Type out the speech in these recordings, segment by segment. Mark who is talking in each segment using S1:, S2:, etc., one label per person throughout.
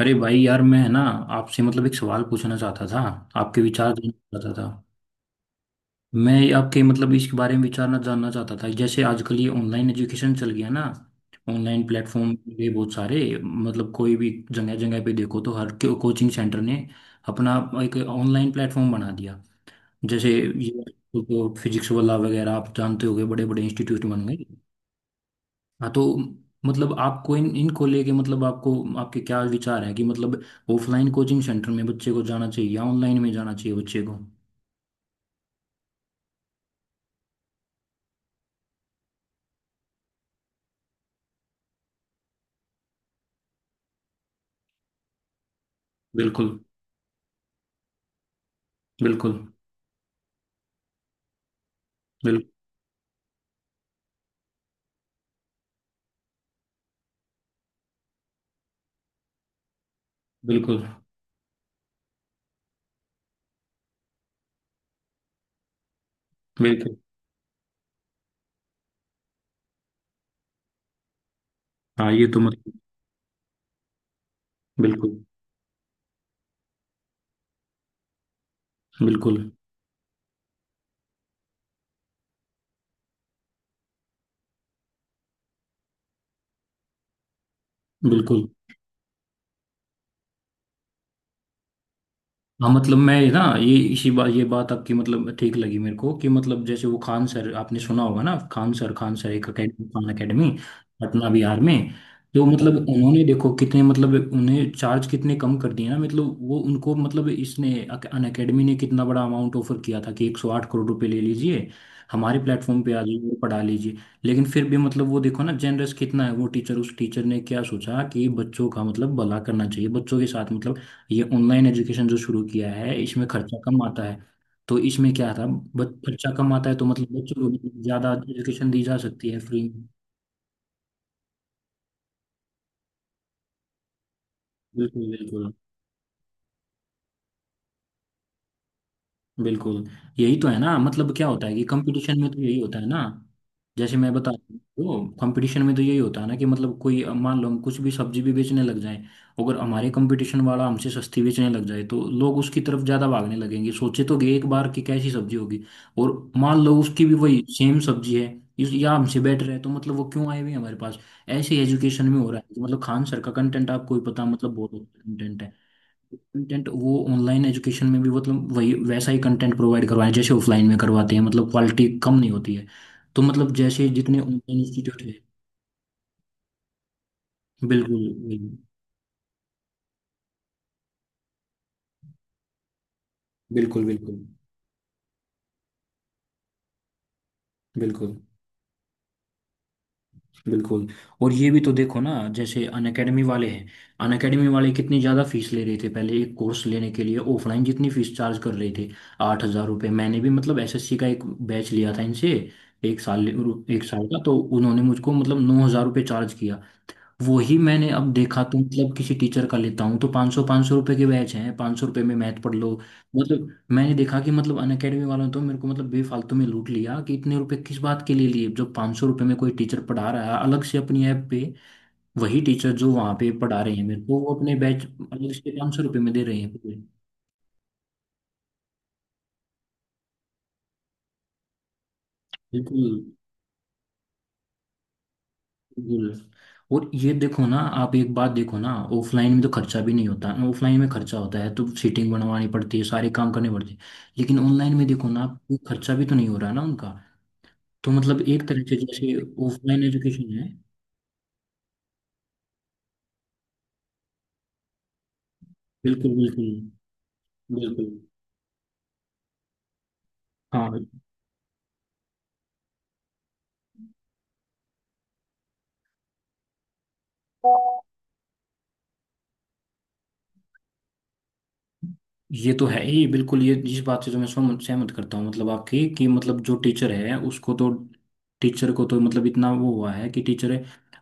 S1: अरे भाई यार, मैं, है ना, आपसे मतलब एक सवाल पूछना चाहता था। आपके विचार जानना चाहता था। मैं आपके मतलब इसके बारे में विचारना जानना चाहता था। जैसे आजकल ये ऑनलाइन एजुकेशन चल गया ना, ऑनलाइन प्लेटफॉर्म। ये बहुत सारे मतलब कोई भी जगह जगह पे देखो तो हर कोचिंग सेंटर ने अपना एक ऑनलाइन प्लेटफॉर्म बना दिया, जैसे ये तो फिजिक्स वाला वगैरह आप जानते होगे। बड़े बड़े इंस्टीट्यूट बन गए। हाँ, तो मतलब आपको इन इनको लेके मतलब आपको आपके क्या विचार है कि मतलब ऑफलाइन कोचिंग सेंटर में बच्चे को जाना चाहिए या ऑनलाइन में जाना चाहिए बच्चे को। बिल्कुल। बिल्कुल। बिल, बिल्कुल। बिल्कुल। हाँ, ये तो मतलब बिल्कुल बिल्कुल बिल्कुल। हाँ, मतलब मैं ना, ये इसी बात, ये बात आपकी मतलब ठीक लगी मेरे को कि मतलब जैसे वो खान सर, आपने सुना होगा ना, खान सर, खान सर, एक अकेडमी, खान अकेडमी, पटना बिहार में। तो मतलब उन्होंने देखो कितने मतलब उन्हें चार्ज कितने कम कर दिए ना, मतलब वो उनको मतलब इसने अन अकेडमी ने कितना बड़ा अमाउंट ऑफर किया था कि 108 करोड़ रुपए ले लीजिए, हमारे प्लेटफॉर्म पे आ जाइए और पढ़ा लीजिए। लेकिन फिर भी मतलब वो देखो ना जेनरस कितना है वो टीचर। उस टीचर ने क्या सोचा कि बच्चों का मतलब भला करना चाहिए। बच्चों के साथ मतलब ये ऑनलाइन एजुकेशन जो शुरू किया है इसमें खर्चा कम आता है। तो इसमें क्या था, बट खर्चा कम आता है तो मतलब बच्चों को ज्यादा एजुकेशन दी जा सकती है फ्री में। बिल्कुल बिल्कुल बिल्कुल। यही तो है ना, मतलब क्या होता है कि कंपटीशन में तो यही होता है ना, जैसे मैं बता रहा हूँ। तो कंपटीशन में तो यही होता है ना कि मतलब कोई, अब मान लो हम कुछ भी सब्जी भी बेचने लग जाए, अगर हमारे कंपटीशन वाला हमसे सस्ती बेचने लग जाए तो लोग उसकी तरफ ज्यादा भागने लगेंगे। सोचे तो गए एक बार कि कैसी सब्जी होगी, और मान लो उसकी भी वही सेम सब्जी है इस या हमसे बेटर है, तो मतलब वो क्यों आए हुए हैं हमारे पास। ऐसे एजुकेशन में हो रहा है कि मतलब खान सर का कंटेंट, आपको भी पता, मतलब बहुत अच्छा कंटेंट है। कंटेंट वो ऑनलाइन एजुकेशन में भी मतलब वही, वैसा ही कंटेंट प्रोवाइड करवाएं जैसे ऑफलाइन में करवाते हैं। मतलब क्वालिटी कम नहीं होती है। तो मतलब जैसे जितने ऑनलाइन इंस्टीट्यूट है। बिल्कुल बिल्कुल बिल्कुल। बिल्कुल बिल्कुल बिल्कुल। और ये भी तो देखो ना, जैसे अनअकैडमी वाले हैं। अनअकैडमी वाले कितनी ज़्यादा फीस ले रहे थे पहले। एक कोर्स लेने के लिए ऑफलाइन जितनी फीस चार्ज कर रहे थे, 8,000 रुपये। मैंने भी मतलब एसएससी का एक बैच लिया था इनसे, एक साल, एक साल का, तो उन्होंने मुझको मतलब 9,000 रुपये चार्ज किया। वही मैंने अब देखा तो मतलब किसी टीचर का लेता हूँ तो 500 सौ रुपए के बैच हैं। ₹500 में मैथ पढ़ लो। मतलब मैंने देखा कि मतलब अनअकैडमी वालों ने तो मेरे को मतलब बेफालतू में लूट लिया कि इतने रुपए किस बात के लिए लिए जब ₹500 में कोई टीचर पढ़ा रहा है अलग से अपनी ऐप पे। वही टीचर जो वहाँ पे पढ़ा रहे हैं मेरे को, वो अपने बैच अलग से ₹500 में दे रहे हैं। बिल्कुल बिल्कुल। और ये देखो ना, आप एक बात देखो ना, ऑफलाइन में तो खर्चा भी नहीं होता। ऑफलाइन में खर्चा होता है तो सीटिंग बनवानी पड़ती है, सारे काम करने पड़ते हैं। लेकिन ऑनलाइन में देखो ना, आपको खर्चा भी तो नहीं हो रहा ना उनका। तो मतलब एक तरह से जैसे ऑफलाइन एजुकेशन है। बिल्कुल बिल्कुल बिल्कुल। हाँ, ये तो है ही बिल्कुल। ये इस बात से तो मैं सहमत सहमत करता हूँ मतलब आपकी कि मतलब जो टीचर है उसको तो, टीचर को तो मतलब इतना वो हुआ है कि टीचर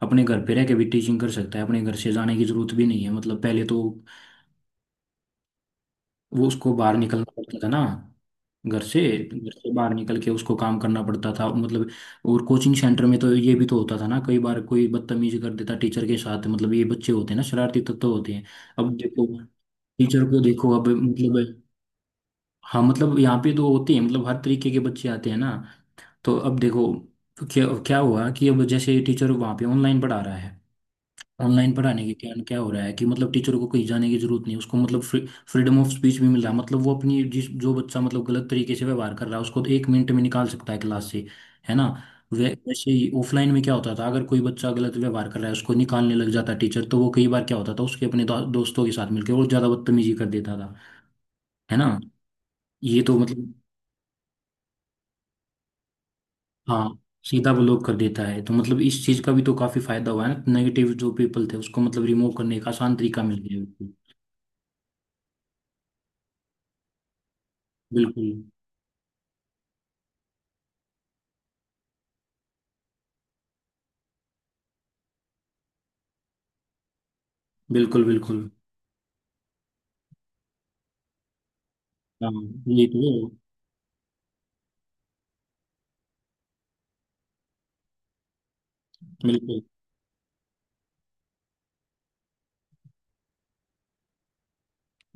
S1: अपने घर पे रह के भी टीचिंग कर सकता है। अपने घर से जाने की जरूरत भी नहीं है। मतलब पहले तो वो उसको बाहर निकलना पड़ता था ना घर से। घर से बाहर निकल के उसको काम करना पड़ता था मतलब। और कोचिंग सेंटर में तो ये भी तो होता था ना, कई बार कोई बदतमीज कर देता टीचर के साथ। मतलब ये बच्चे होते हैं ना, शरारती तत्व होते हैं। अब देखो टीचर को, देखो अब मतलब। हाँ मतलब यहाँ पे तो होते हैं, मतलब हर तरीके के बच्चे आते हैं ना। तो अब देखो तो क्या क्या हुआ कि अब जैसे टीचर वहाँ पे ऑनलाइन पढ़ा रहा है। ऑनलाइन पढ़ाने के कारण क्या हो रहा है कि मतलब टीचर को कहीं जाने की जरूरत नहीं, उसको मतलब फ्रीडम ऑफ स्पीच भी मिल रहा है। मतलब वो अपनी जिस, जो बच्चा मतलब गलत तरीके से व्यवहार कर रहा है उसको तो एक मिनट में निकाल सकता है क्लास से, है ना। वे वैसे ही ऑफलाइन में क्या होता था, अगर कोई बच्चा गलत व्यवहार कर रहा है उसको निकालने लग जाता टीचर, तो वो कई बार क्या होता था, उसके अपने दोस्तों के साथ मिलकर और ज्यादा बदतमीजी कर देता था, है ना। ये तो मतलब हाँ, सीधा ब्लॉक कर देता है तो मतलब इस चीज का भी तो काफी फायदा हुआ है ना। नेगेटिव जो पीपल थे उसको मतलब रिमूव करने का आसान तरीका मिल गया। बिल्कुल बिल्कुल बिल्कुल बिल्कुल। हाँ, ये तो है, बिल्कुल।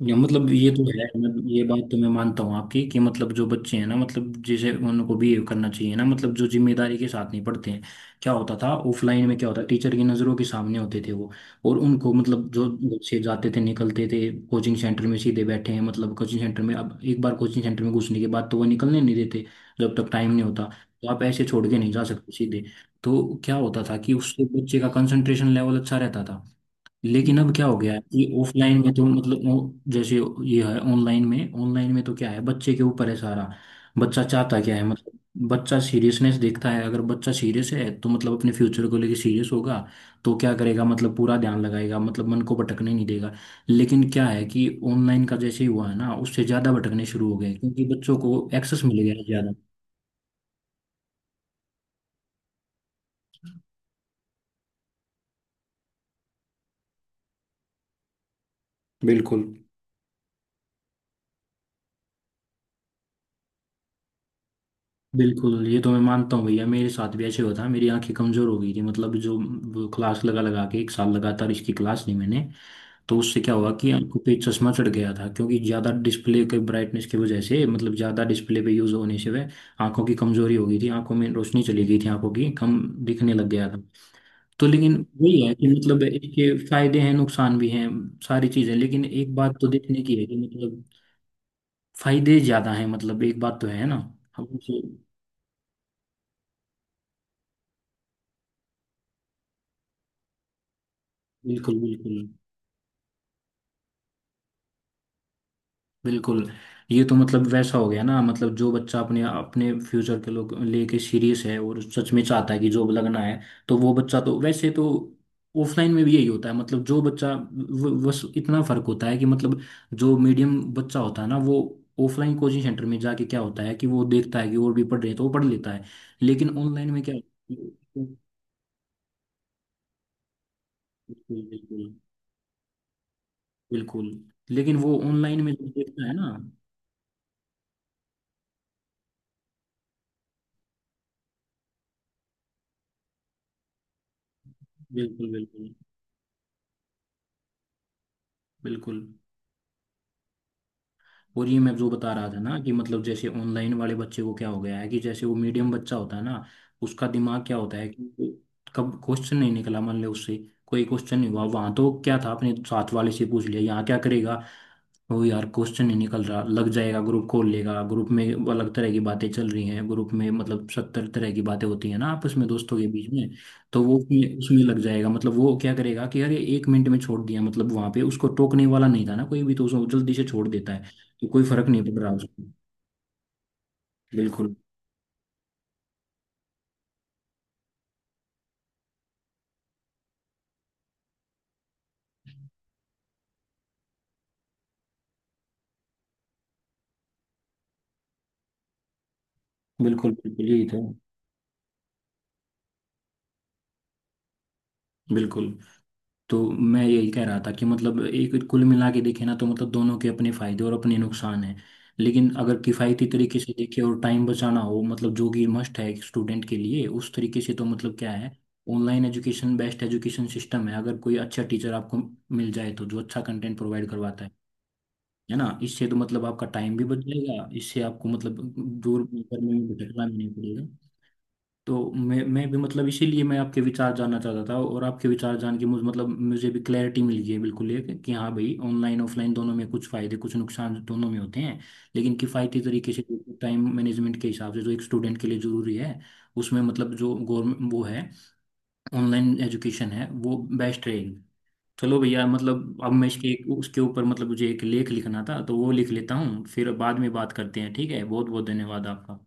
S1: या मतलब ये तो है, मैं ये बात तो मैं मानता हूँ आपकी कि मतलब जो बच्चे हैं ना, मतलब जैसे उनको बिहेव करना चाहिए ना, मतलब जो जिम्मेदारी के साथ नहीं पढ़ते हैं। क्या होता था ऑफलाइन में, क्या होता, टीचर की नज़रों के सामने होते थे वो। और उनको मतलब जो बच्चे जाते थे, निकलते थे कोचिंग सेंटर में सीधे बैठे हैं। मतलब कोचिंग सेंटर में अब एक बार कोचिंग सेंटर में घुसने के बाद तो वो निकलने नहीं देते जब तक टाइम नहीं होता। तो आप ऐसे छोड़ के नहीं जा सकते सीधे। तो क्या होता था कि उससे बच्चे का कंसंट्रेशन लेवल अच्छा रहता था। लेकिन अब क्या हो गया है कि ऑफलाइन में तो मतलब जैसे, ये है ऑनलाइन में। ऑनलाइन में तो क्या है, बच्चे के ऊपर है सारा। बच्चा चाहता क्या है मतलब। बच्चा सीरियसनेस देखता है, अगर बच्चा सीरियस है तो मतलब अपने फ्यूचर को लेके सीरियस होगा, तो क्या करेगा, मतलब पूरा ध्यान लगाएगा, मतलब मन को भटकने नहीं देगा। लेकिन क्या है कि ऑनलाइन का जैसे ही हुआ है ना, उससे ज़्यादा भटकने शुरू हो गए क्योंकि बच्चों को एक्सेस मिल गया है ज़्यादा। बिल्कुल बिल्कुल। ये तो मैं मानता हूँ भैया, मेरे साथ भी ऐसे हुआ था। मेरी आंखें कमजोर हो गई थी मतलब, जो वो क्लास लगा लगा के एक साल लगातार इसकी क्लास ली मैंने, तो उससे क्या हुआ कि आंखों पे चश्मा चढ़ गया था क्योंकि ज़्यादा डिस्प्ले के ब्राइटनेस की वजह से, मतलब ज़्यादा डिस्प्ले पे यूज़ होने से, वह आंखों की कमजोरी हो गई थी। आंखों में रोशनी चली गई थी, आंखों की कम दिखने लग गया था। तो लेकिन वही है कि मतलब इसके फायदे हैं, नुकसान भी हैं, सारी चीज़ें। लेकिन एक बात तो देखने की है कि मतलब फायदे ज़्यादा हैं, मतलब एक बात तो है ना। हम उसे- बिल्कुल बिल्कुल बिल्कुल। ये तो मतलब वैसा हो गया ना, मतलब जो बच्चा अपने अपने फ्यूचर के लोग लेके सीरियस है और सच में चाहता है कि जॉब लगना है, तो वो बच्चा तो वैसे तो ऑफलाइन में भी यही होता है। मतलब जो बच्चा बस इतना फर्क होता है कि मतलब जो मीडियम बच्चा होता है ना, वो ऑफलाइन कोचिंग सेंटर में जाके, क्या होता है कि वो देखता है कि और भी पढ़ रहे हैं तो वो पढ़ लेता है। लेकिन ऑनलाइन में क्या, बिल्कुल बिल्कुल बिल्कुल। लेकिन वो ऑनलाइन में जो देखता है ना, बिल्कुल बिल्कुल बिल्कुल। और ये मैं जो बता रहा था ना कि मतलब जैसे ऑनलाइन वाले बच्चे को क्या हो गया है कि जैसे वो मीडियम बच्चा होता है ना, उसका दिमाग क्या होता है कि कब क्वेश्चन नहीं निकला, मान लो उससे कोई क्वेश्चन नहीं हुआ, वहां तो क्या था, अपने साथ वाले से पूछ लिया। यहाँ क्या करेगा वो, यार क्वेश्चन नहीं निकल रहा, लग जाएगा, ग्रुप खोल लेगा ग्रुप में। अलग तरह की बातें चल रही हैं ग्रुप में, मतलब 70 तरह की बातें होती हैं ना आपस में दोस्तों के बीच में। तो वो उसमें उसमें लग जाएगा। मतलब वो क्या करेगा कि यार ये एक मिनट में छोड़ दिया, मतलब वहां पे उसको टोकने वाला नहीं था ना कोई भी, तो उसको जल्दी से छोड़ देता है। तो कोई फर्क नहीं पड़ रहा उसको। बिल्कुल बिल्कुल बिल्कुल यही था। बिल्कुल। तो मैं यही कह रहा था कि मतलब एक कुल मिला के देखे ना, तो मतलब दोनों के अपने फायदे और अपने नुकसान हैं। लेकिन अगर किफ़ायती तरीके से देखे और टाइम बचाना हो, मतलब जो कि मस्ट है एक स्टूडेंट के लिए, उस तरीके से तो मतलब क्या है, online education best education system है, अगर कोई अच्छा टीचर आपको मिल जाए तो, जो अच्छा कंटेंट प्रोवाइड करवाता है ना। इससे तो मतलब आपका टाइम भी बच जाएगा, इससे आपको मतलब दूर गर्मी में भटकना भी नहीं पड़ेगा। तो मैं भी मतलब इसीलिए मैं आपके विचार जानना चाहता था, और आपके विचार जान के मुझे मतलब, मुझे भी क्लैरिटी मिल गई है बिल्कुल ये कि हाँ भाई, ऑनलाइन ऑफलाइन दोनों में कुछ फायदे, कुछ नुकसान दोनों में होते हैं। लेकिन किफ़ायती तरीके से, टाइम मैनेजमेंट के हिसाब से, जो एक स्टूडेंट के लिए ज़रूरी है, उसमें मतलब जो गवर्नमेंट वो है, ऑनलाइन एजुकेशन है, वो बेस्ट रहेगी। चलो भैया, मतलब अब मैं इसके उसके ऊपर मतलब मुझे एक लेख लिखना था तो वो लिख लेता हूँ, फिर बाद में बात करते हैं, ठीक है। बहुत बहुत धन्यवाद आपका।